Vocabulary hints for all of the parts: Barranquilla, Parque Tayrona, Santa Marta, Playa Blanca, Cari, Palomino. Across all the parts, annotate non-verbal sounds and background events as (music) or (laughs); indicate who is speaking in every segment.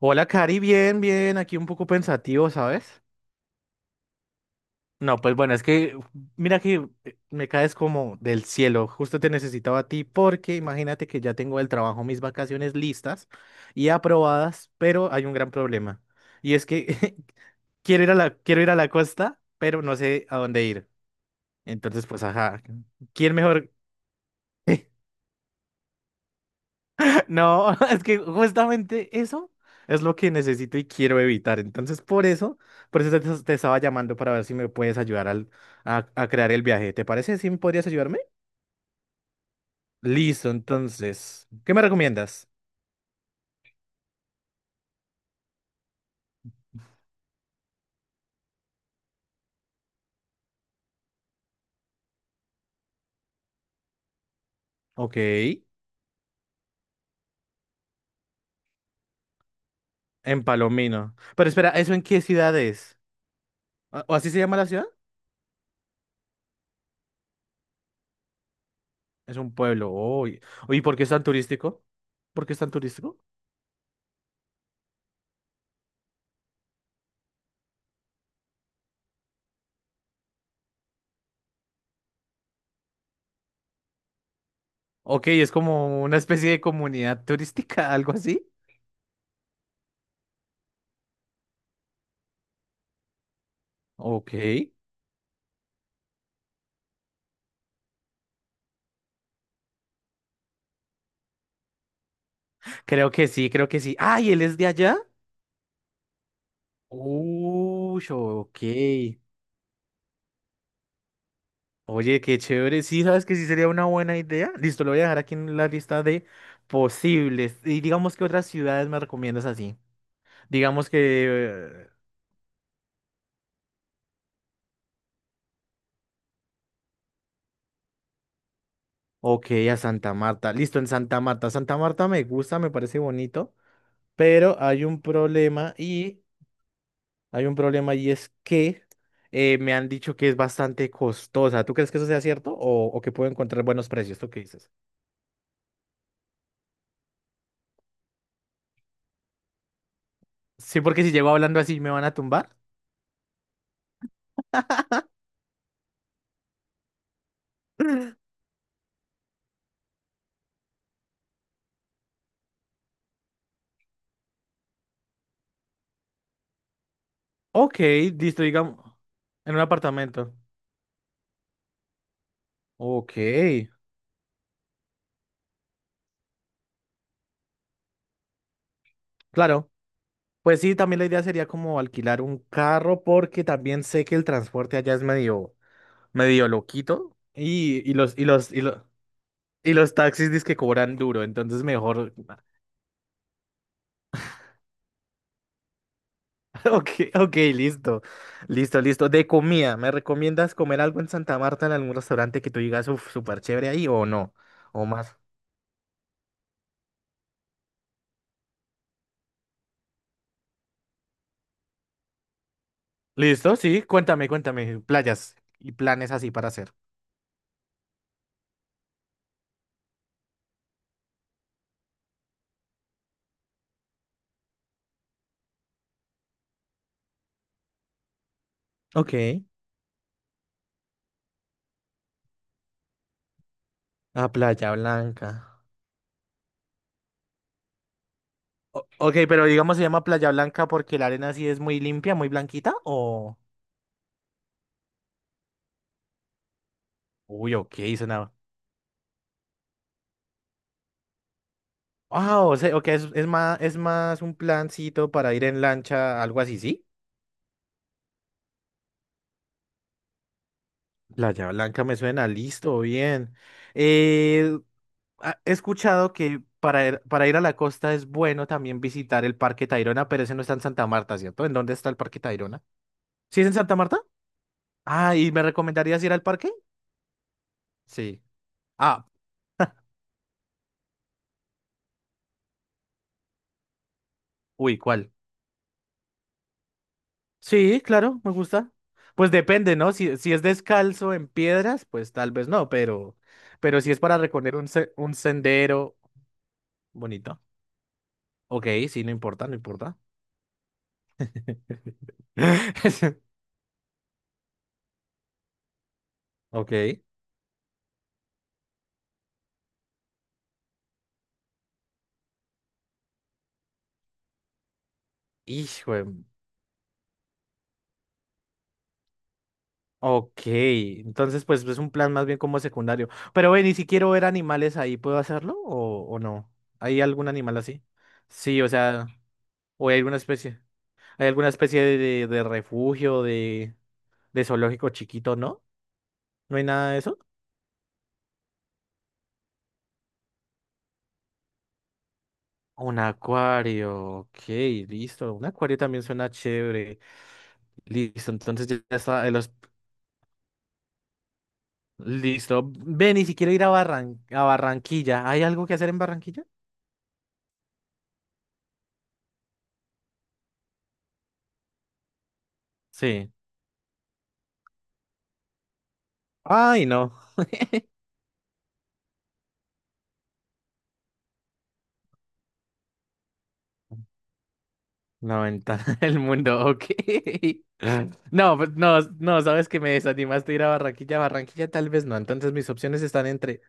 Speaker 1: Hola, Cari, bien, bien, aquí un poco pensativo, ¿sabes? No, pues bueno, es que mira que me caes como del cielo, justo te necesitaba a ti porque imagínate que ya tengo del trabajo mis vacaciones listas y aprobadas, pero hay un gran problema y es que (laughs) quiero ir a la costa, pero no sé a dónde ir. Entonces, pues ajá, ¿quién mejor? (laughs) No, (laughs) es que justamente eso es lo que necesito y quiero evitar. Entonces, por eso te estaba llamando para ver si me puedes ayudar a crear el viaje. ¿Te parece? ¿Sí me podrías ayudarme? Listo, entonces, ¿qué me recomiendas? Ok, en Palomino. Pero espera, ¿eso en qué ciudad es? ¿O así se llama la ciudad? Es un pueblo. Uy, uy, ¿por qué es tan turístico? ¿Por qué es tan turístico? Ok, es como una especie de comunidad turística, (laughs) algo así. Ok. Creo que sí, creo que sí. ¡Ay, él es de allá! Uy, ok. Oye, qué chévere. Sí, sabes que sí sería una buena idea. Listo, lo voy a dejar aquí en la lista de posibles. Y digamos que otras ciudades me recomiendas así. Digamos que. eh, Ok, a Santa Marta. Listo, en Santa Marta. Santa Marta me gusta, me parece bonito. Pero hay un problema y. Hay un problema y es que me han dicho que es bastante costosa. ¿Tú crees que eso sea cierto? O que puedo encontrar buenos precios? ¿Tú qué dices? Sí, porque si llego hablando así, ¿me van a tumbar? Ok, listo, digamos, en un apartamento. Ok, claro. Pues sí, también la idea sería como alquilar un carro porque también sé que el transporte allá es medio, medio loquito y, y los taxis dizque cobran duro, entonces mejor. (laughs) Ok, ok, listo, listo, listo. De comida, ¿me recomiendas comer algo en Santa Marta en algún restaurante que tú digas, uff, súper chévere ahí o no? O más. ¿Listo? Sí, cuéntame, cuéntame. Playas y planes así para hacer. Ok. A Playa Blanca. O- ok, pero digamos se llama Playa Blanca porque la arena sí es muy limpia, muy blanquita, o... Uy, ok, suena... Ah, o sea, ok, es, es más un plancito para ir en lancha, algo así, ¿sí? Playa Blanca me suena, listo, bien. Eh, he escuchado que para ir a la costa es bueno también visitar el Parque Tayrona, pero ese no está en Santa Marta, ¿cierto? ¿En dónde está el Parque Tayrona? ¿Sí es en Santa Marta? Ah, ¿y me recomendarías ir al parque? Sí. Ah, uy, ¿cuál? Sí, claro, me gusta. Pues depende, ¿no? Si, si es descalzo en piedras, pues tal vez no, pero si es para recorrer un sendero bonito. Ok, sí, no importa, no importa. (laughs) Ok. Hijo, de ok. Entonces, pues es un plan más bien como secundario. Pero ven, y si quiero ver animales ahí, ¿puedo hacerlo o no? ¿Hay algún animal así? Sí, o sea, o hay alguna especie. ¿Hay alguna especie de refugio, de zoológico chiquito, no? ¿No hay nada de eso? Un acuario, ok, listo. Un acuario también suena chévere. Listo, entonces ya está. Los... Listo. Ve, ni siquiera ir a Barran... a Barranquilla. ¿Hay algo que hacer en Barranquilla? Sí. Ay, no. La ventana (laughs) del mundo, ok. No, pues, no, no, sabes que me desanimaste a ir a Barranquilla. Barranquilla tal vez no. Entonces mis opciones están entre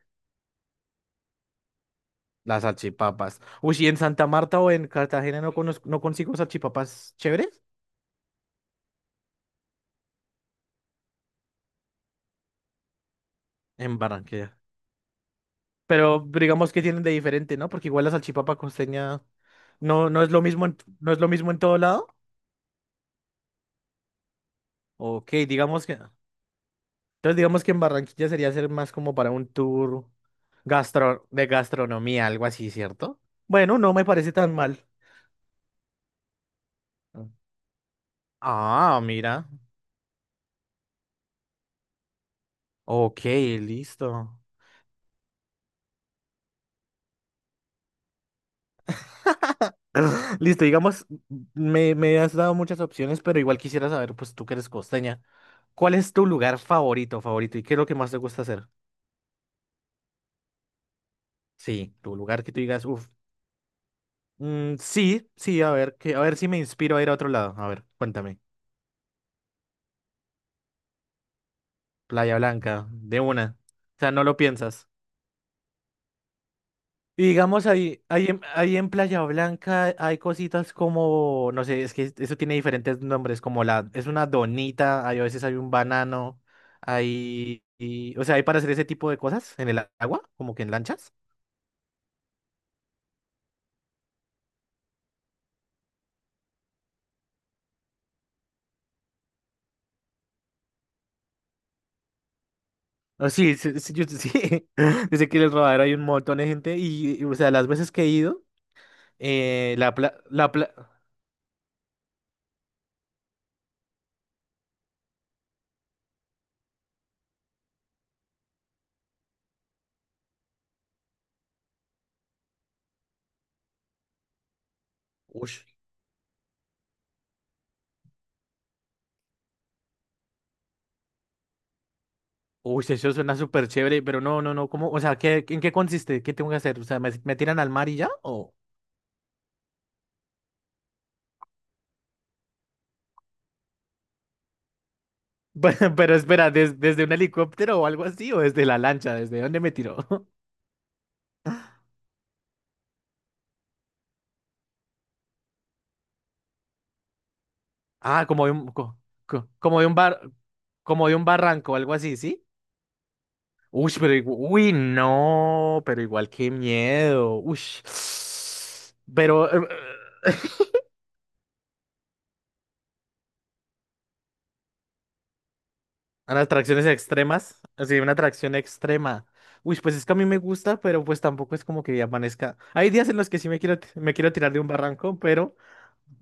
Speaker 1: las salchipapas. Uy, ¿y en Santa Marta o en Cartagena no, no consigo salchipapas chéveres? En Barranquilla. Pero digamos que tienen de diferente, ¿no? Porque igual la salchipapa costeña no es lo mismo en, no es lo mismo en todo lado. Ok, digamos que. Entonces digamos que en Barranquilla sería ser más como para un tour gastro, de gastronomía, algo así, ¿cierto? Bueno, no me parece tan mal. Ah, mira. Ok, listo. Listo, digamos, me has dado muchas opciones, pero igual quisiera saber, pues tú que eres costeña, ¿cuál es tu lugar favorito, favorito? ¿Y qué es lo que más te gusta hacer? Sí, tu lugar que tú digas, uff, sí, sí, a ver, que, a ver si me inspiro a ir a otro lado. A ver, cuéntame. Playa Blanca, de una. O sea, no lo piensas. Y digamos ahí, ahí en Playa Blanca hay cositas como, no sé, es que eso tiene diferentes nombres, como la, es una donita, hay, a veces hay un banano, o sea, hay para hacer ese tipo de cosas en el agua, como que en lanchas. Ah, sí, sí, sí, yo- sí. (laughs) Dice que en el rodadero hay un montón de gente y, o sea, las veces que he ido, eh, la pla, la pla, uy, uy, eso suena súper chévere, pero no, no, no, ¿cómo? O sea, ¿qué, en qué consiste? ¿Qué tengo que hacer? O sea, ¿me, me tiran al mar y ya? Bueno, (laughs) pero espera, ¿desde un helicóptero o algo así? ¿O desde la lancha? ¿Desde dónde me tiró? (laughs) Ah, como de un, co- co- como de un bar, como de un barranco o algo así, ¿sí? Uy, pero igu- uy, no, pero igual qué miedo. Uy. (sighs) Pero, a las atracciones extremas. Así, una atracción extrema. Uy, pues es que a mí me gusta, pero pues tampoco es como que amanezca. Hay días en los que sí me quiero tirar de un barranco,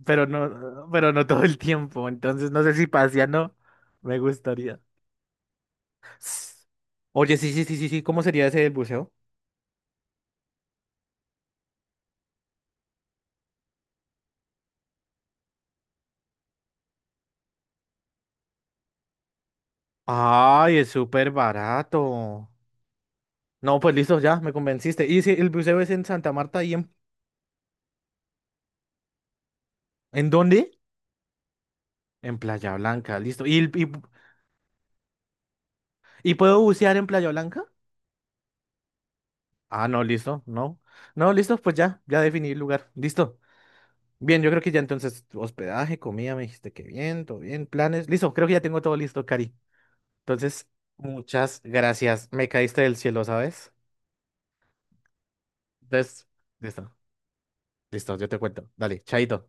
Speaker 1: pero no todo el tiempo. Entonces no sé si paseando me gustaría. S- Oye, sí, sí, sí, sí, sí. ¿Cómo sería ese del buceo? Ay, es súper barato. No, pues listo, ya, me convenciste. Y si el buceo es en Santa Marta y ¿en dónde? En Playa Blanca, listo. ¿Y, y puedo bucear en Playa Blanca? Ah, no, listo, no. No, listo, pues ya, ya definí el lugar. Listo. Bien, yo creo que ya entonces hospedaje, comida, me dijiste que bien, todo bien, planes. Listo, creo que ya tengo todo listo, Cari. Entonces, muchas gracias. Me caíste del cielo, ¿sabes? Entonces, listo, listo, yo te cuento. Dale, chaito.